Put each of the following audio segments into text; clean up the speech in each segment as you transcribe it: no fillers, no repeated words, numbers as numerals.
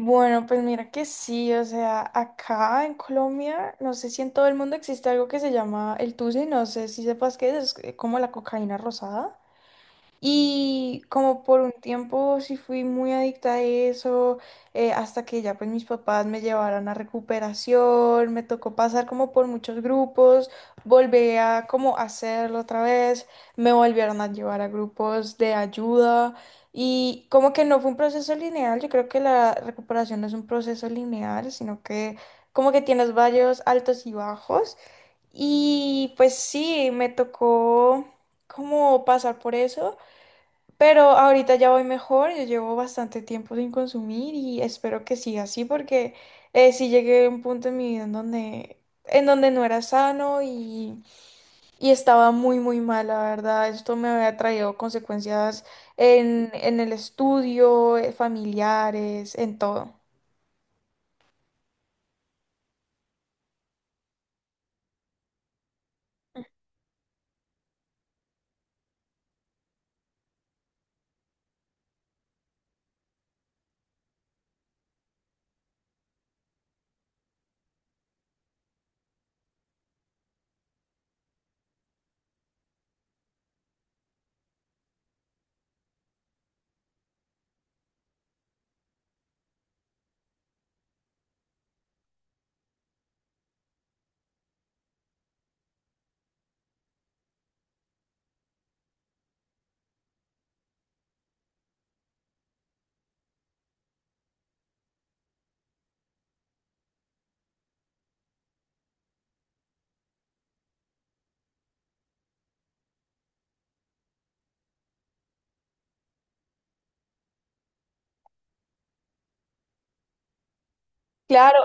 Bueno, pues mira que sí, o sea, acá en Colombia, no sé si en todo el mundo existe algo que se llama el tusi, no sé si sepas qué es como la cocaína rosada. Y como por un tiempo sí fui muy adicta a eso, hasta que ya pues mis papás me llevaron a recuperación, me tocó pasar como por muchos grupos, volví a como hacerlo otra vez, me volvieron a llevar a grupos de ayuda y como que no fue un proceso lineal, yo creo que la recuperación no es un proceso lineal, sino que como que tienes varios altos y bajos y pues sí, me tocó como pasar por eso. Pero ahorita ya voy mejor, yo llevo bastante tiempo sin consumir y espero que siga así porque sí llegué a un punto en mi vida en donde no era sano y estaba muy mal, la verdad. Esto me había traído consecuencias en el estudio, familiares, en todo. Claro,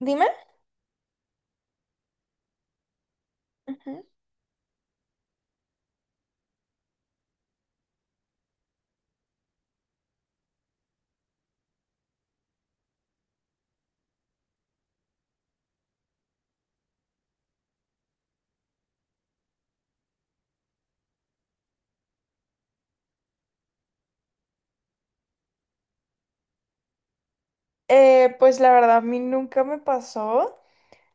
dime. Ujú. Pues la verdad, a mí nunca me pasó.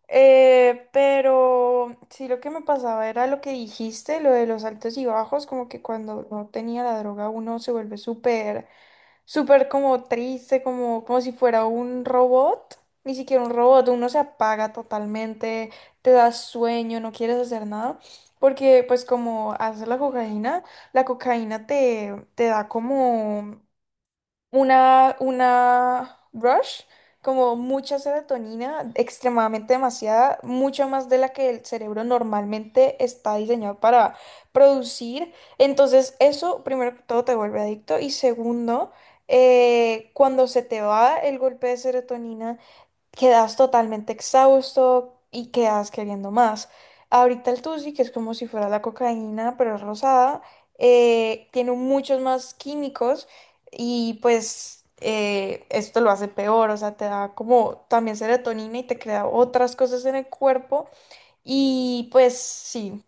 Pero sí, lo que me pasaba era lo que dijiste, lo de los altos y bajos, como que cuando no tenía la droga uno se vuelve súper como triste, como, como si fuera un robot, ni siquiera un robot, uno se apaga totalmente, te da sueño, no quieres hacer nada, porque pues como haces la cocaína te da como una rush, como mucha serotonina, extremadamente demasiada, mucho más de la que el cerebro normalmente está diseñado para producir. Entonces, eso, primero que todo, te vuelve adicto. Y segundo, cuando se te va el golpe de serotonina, quedas totalmente exhausto y quedas queriendo más. Ahorita el Tusi, que es como si fuera la cocaína, pero es rosada, tiene muchos más químicos y pues esto lo hace peor, o sea, te da como también serotonina y te crea otras cosas en el cuerpo y pues sí.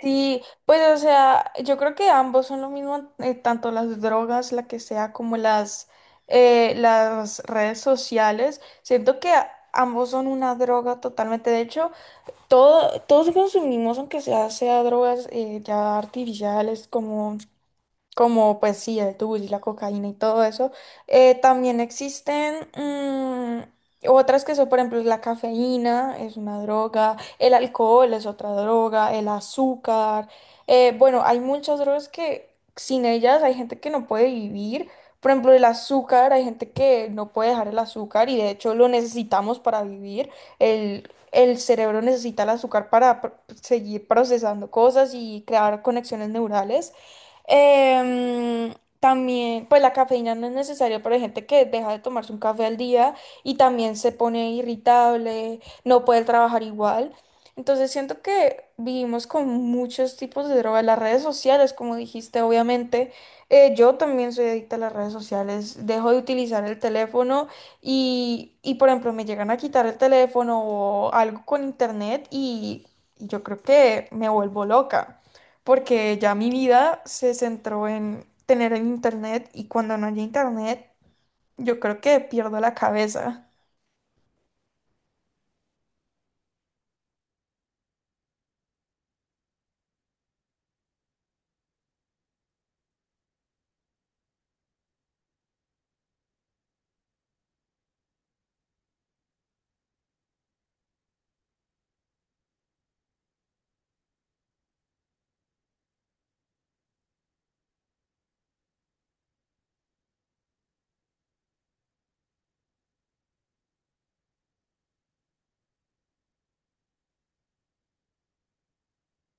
Sí, pues o sea, yo creo que ambos son lo mismo, tanto las drogas, la que sea, como las redes sociales. Siento que ambos son una droga totalmente. De hecho, todos consumimos, aunque sea drogas ya artificiales, como pues sí, el tubo y la cocaína y todo eso. También existen otras que son, por ejemplo, la cafeína es una droga, el alcohol es otra droga, el azúcar. Bueno, hay muchas drogas que sin ellas hay gente que no puede vivir. Por ejemplo, el azúcar, hay gente que no puede dejar el azúcar y de hecho lo necesitamos para vivir. El cerebro necesita el azúcar para seguir procesando cosas y crear conexiones neurales. Em, También, pues la cafeína no es necesaria para gente que deja de tomarse un café al día y también se pone irritable, no puede trabajar igual. Entonces siento que vivimos con muchos tipos de drogas, las redes sociales, como dijiste, obviamente. Yo también soy adicta a las redes sociales, dejo de utilizar el teléfono y por ejemplo, me llegan a quitar el teléfono o algo con internet y yo creo que me vuelvo loca porque ya mi vida se centró en tener el internet y cuando no hay internet, yo creo que pierdo la cabeza.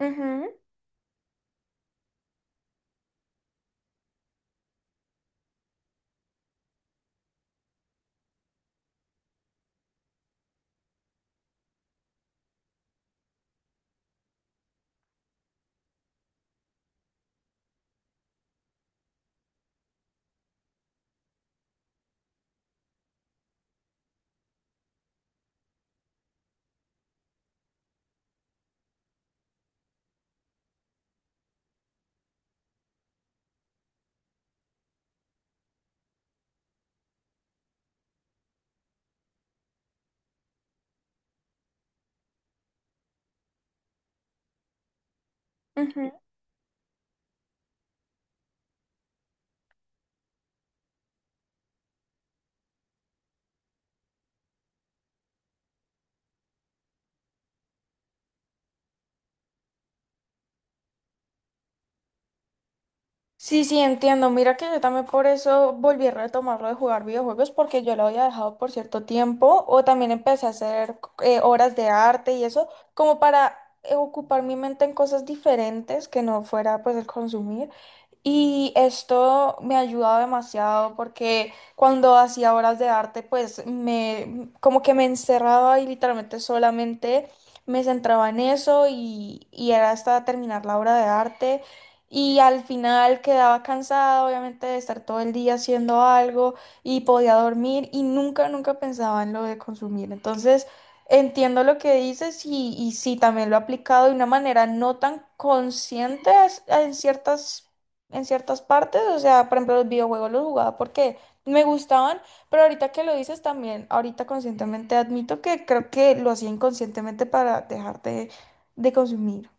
Ujú, ujú. Sí, sí, entiendo. Mira que yo también por eso volví a retomar lo de jugar videojuegos porque yo lo había dejado por cierto tiempo o también empecé a hacer obras de arte y eso como para ocupar mi mente en cosas diferentes que no fuera pues el consumir. Y esto me ha ayudado demasiado porque cuando hacía obras de arte pues me como que me encerraba y literalmente solamente me centraba en eso y era hasta terminar la obra de arte. Y al final quedaba cansada, obviamente, de estar todo el día haciendo algo y podía dormir y nunca, nunca pensaba en lo de consumir. Entonces, entiendo lo que dices y sí, también lo he aplicado de una manera no tan consciente en ciertas partes. O sea, por ejemplo, los videojuegos los jugaba porque me gustaban, pero ahorita que lo dices también, ahorita conscientemente admito que creo que lo hacía inconscientemente para dejar de consumir.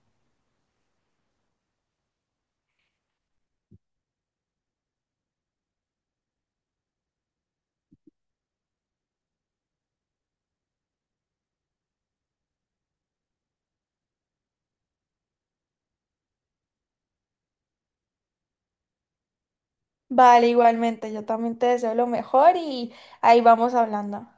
Vale, igualmente, yo también te deseo lo mejor y ahí vamos hablando.